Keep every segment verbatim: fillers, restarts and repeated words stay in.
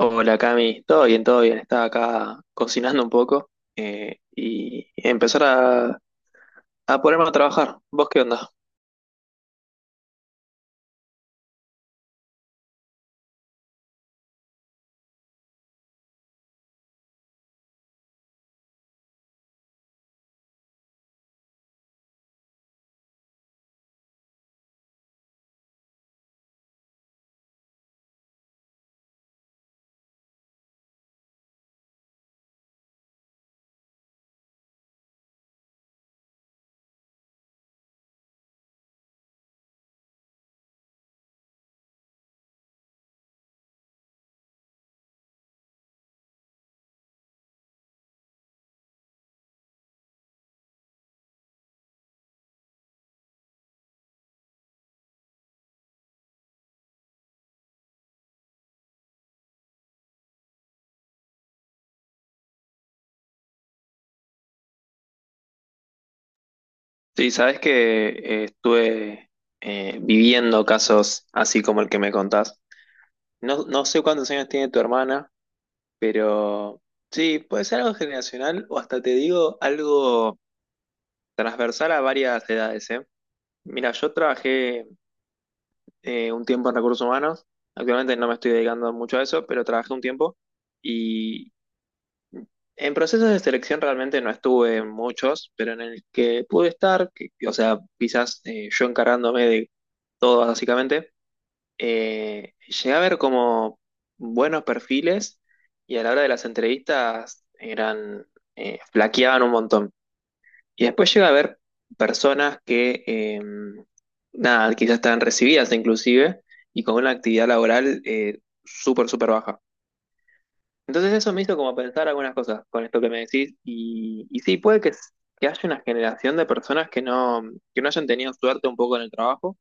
Hola Cami, todo bien, todo bien. Estaba acá cocinando un poco eh, y empezar a, a ponerme a trabajar. ¿Vos qué onda? Sí, sabés que eh, estuve eh, viviendo casos así como el que me contás. No, no sé cuántos años tiene tu hermana, pero sí, puede ser algo generacional o hasta te digo algo transversal a varias edades, ¿eh? Mira, yo trabajé eh, un tiempo en recursos humanos. Actualmente no me estoy dedicando mucho a eso, pero trabajé un tiempo. En procesos de selección realmente no estuve en muchos, pero en el que pude estar, que- que, o sea, quizás eh, yo encargándome de todo básicamente, eh, llegué a ver como buenos perfiles y a la hora de las entrevistas eran, eh, flaqueaban un montón. Y después llegué a ver personas que, eh, nada, quizás estaban recibidas inclusive y con una actividad laboral eh, súper, súper baja. Entonces eso me hizo como pensar algunas cosas con esto que me decís y, y sí, puede que, s- que haya una generación de personas que no, que no hayan tenido suerte un poco en el trabajo,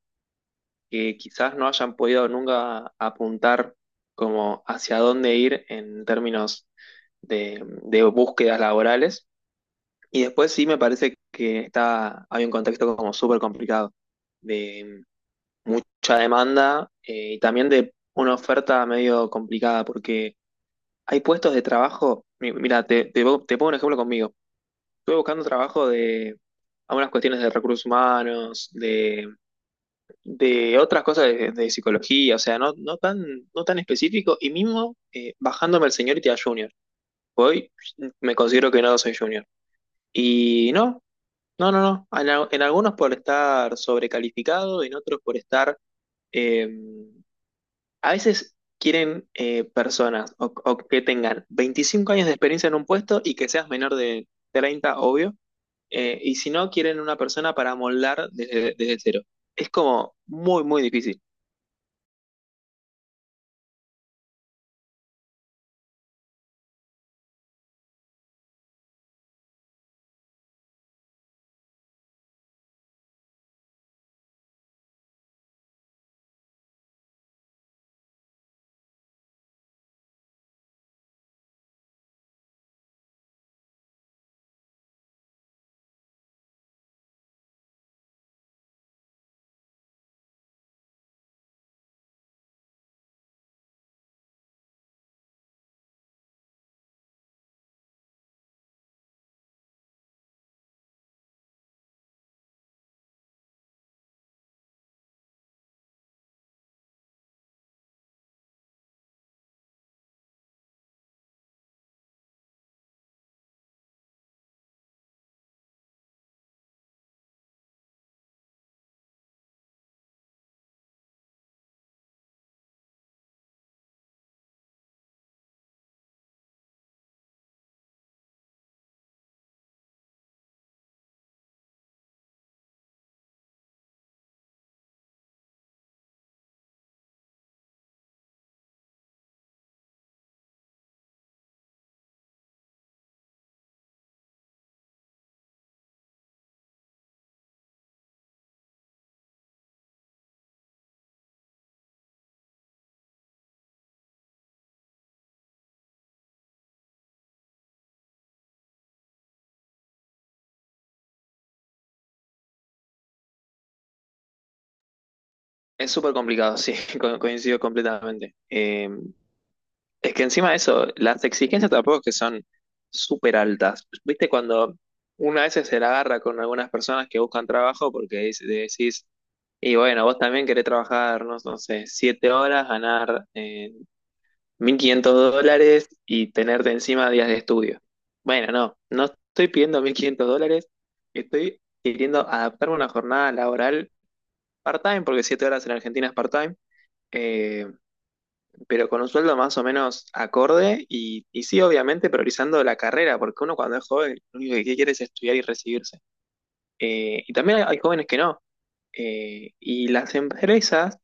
que quizás no hayan podido nunca apuntar como hacia dónde ir en términos de, de búsquedas laborales. Y después sí me parece que está, hay un contexto como súper complicado de mucha demanda eh, y también de una oferta medio complicada porque... Hay puestos de trabajo, mi- mira, te, te, po- te pongo un ejemplo conmigo. Estuve buscando trabajo de algunas cuestiones de recursos humanos, de, de otras cosas de, de psicología, o sea, no, no tan, no tan específico, y mismo eh, bajándome el señorita a junior. Hoy me considero que no soy junior. Y no, no, no, no. En, al- en algunos por estar sobrecalificado, en otros por estar... em, A veces quieren eh, personas o, o que tengan veinticinco años de experiencia en un puesto y que seas menor de treinta, obvio. Eh, y si no, quieren una persona para moldar desde, desde cero. Es como muy, muy difícil. Es súper complicado, sí, co- coincido completamente. Eh, Es que encima de eso, las exigencias tampoco es que son súper altas. Viste cuando una vez se la agarra con algunas personas que buscan trabajo porque dice- decís, y bueno, vos también querés trabajar, no, no sé, siete horas, ganar eh, mil quinientos dólares y tenerte encima días de estudio. Bueno, no, no estoy pidiendo mil quinientos dólares, estoy queriendo adaptarme a una jornada laboral part-time, porque siete horas en Argentina es part-time eh, pero con un sueldo más o menos acorde y, y sí, obviamente priorizando la carrera, porque uno cuando es joven lo único que quiere es estudiar y recibirse. Eh, y también hay, hay jóvenes que no. Eh, y las empresas,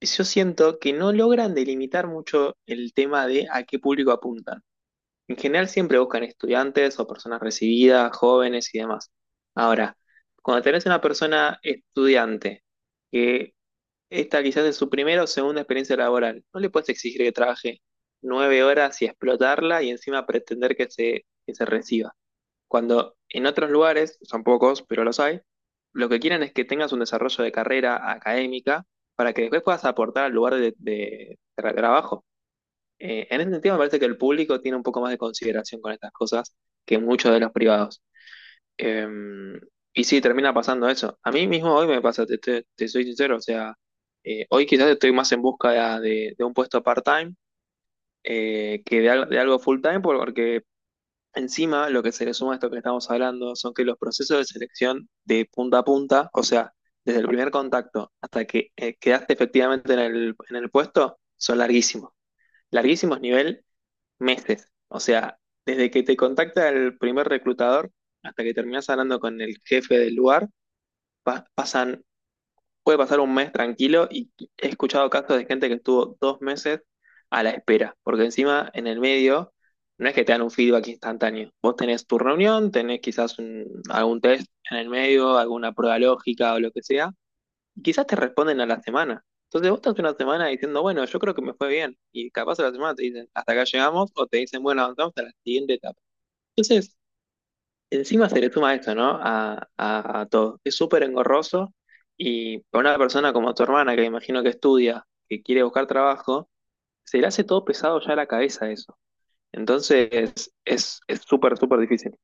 yo siento que no logran delimitar mucho el tema de a qué público apuntan. En general siempre buscan estudiantes o personas recibidas, jóvenes y demás. Ahora, cuando tenés una persona estudiante que esta quizás es su primera o segunda experiencia laboral. No le puedes exigir que trabaje nueve horas y explotarla y encima pretender que se, que se reciba. Cuando en otros lugares, son pocos, pero los hay, lo que quieren es que tengas un desarrollo de carrera académica para que después puedas aportar al lugar de, de tra- trabajo. Eh, en este sentido, me parece que el público tiene un poco más de consideración con estas cosas que muchos de los privados. Em, y sí, termina pasando eso. A mí mismo hoy me pasa, te, te- te soy sincero, o sea, eh, hoy quizás estoy más en busca de, de un puesto part-time eh, que de, al- de algo full-time, porque encima lo que se le suma a esto que estamos hablando son que los procesos de selección de punta a punta, o sea, desde el primer contacto hasta que eh, quedaste efectivamente en el, en el puesto, son larguísimos. Larguísimos nivel meses. O sea, desde que te contacta el primer reclutador hasta que terminas hablando con el jefe del lugar, pa- pasan, puede pasar un mes tranquilo y he escuchado casos de gente que estuvo dos meses a la espera, porque encima en el medio no es que te dan un feedback instantáneo. Vos tenés tu reunión, tenés quizás un- algún test en el medio, alguna prueba lógica o lo que sea, y quizás te responden a la semana. Entonces vos estás una semana diciendo, bueno, yo creo que me fue bien. Y capaz a la semana te dicen, hasta acá llegamos, o te dicen, bueno, avanzamos a la siguiente etapa. Entonces, encima se le suma esto, ¿no? A, a, a todo. Es súper engorroso y para una persona como tu hermana, que me imagino que estudia, que quiere buscar trabajo, se le hace todo pesado ya a la cabeza eso. Entonces, es es súper, súper difícil.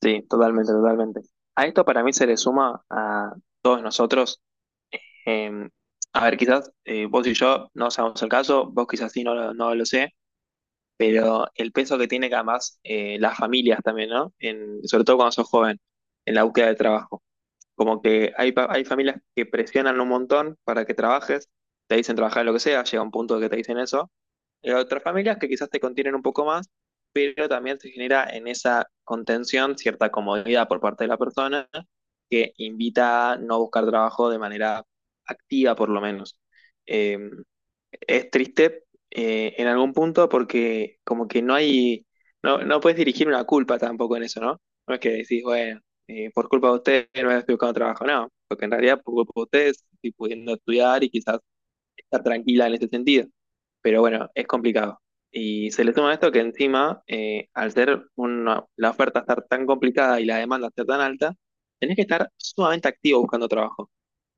Sí, totalmente, totalmente. A esto para mí se le suma a todos nosotros. Eh, a ver, quizás eh, vos y yo no sabemos el caso, vos quizás sí no, lo- no lo sé, pero el peso que tiene que además eh, las familias también, ¿no? En, sobre todo cuando sos joven, en la búsqueda de trabajo. Como que hay, pa- hay familias que presionan un montón para que trabajes, te dicen trabajar en lo que sea, llega un punto que te dicen eso, en otras familias que quizás te contienen un poco más, pero también se genera en esa contención cierta comodidad por parte de la persona que invita a no buscar trabajo de manera activa, por lo menos. Eh, es triste eh, en algún punto porque como que no hay, no, no puedes dirigir una culpa tampoco en eso, ¿no? No es que decís, bueno, eh, por culpa de ustedes no estoy buscando trabajo, no, porque en realidad por culpa de ustedes estoy pudiendo estudiar y quizás está tranquila en ese sentido. Pero bueno, es complicado. Y se le suma esto que encima, eh, al ser una- la oferta estar tan complicada y la demanda ser tan alta, tenés que estar sumamente activo buscando trabajo.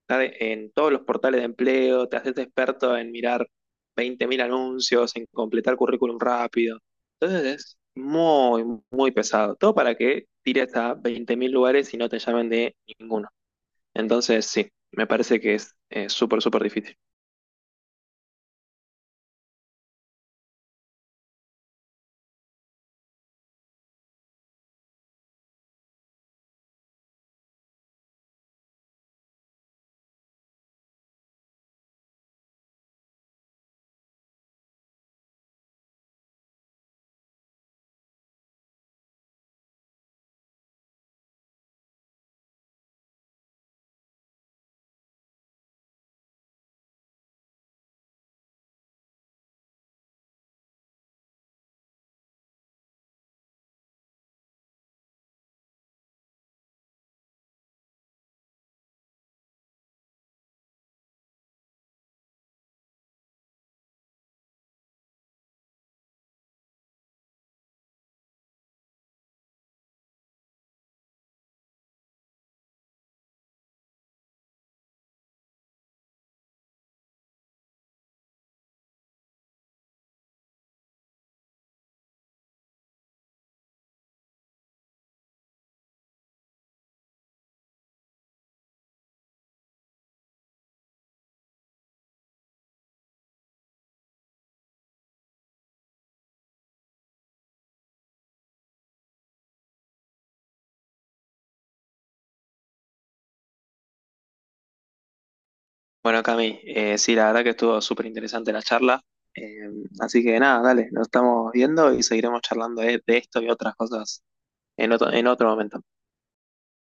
Estar en todos los portales de empleo, te haces experto en mirar veinte mil anuncios, en completar currículum rápido. Entonces es muy, muy pesado. Todo para que tires a veinte mil lugares y no te llamen de ninguno. Entonces sí, me parece que es eh, súper, súper difícil. Bueno, Cami, eh, sí, la verdad que estuvo súper interesante la charla. Eh, Así que nada, dale, nos estamos viendo y seguiremos charlando de, de esto y otras cosas en otro, en otro momento.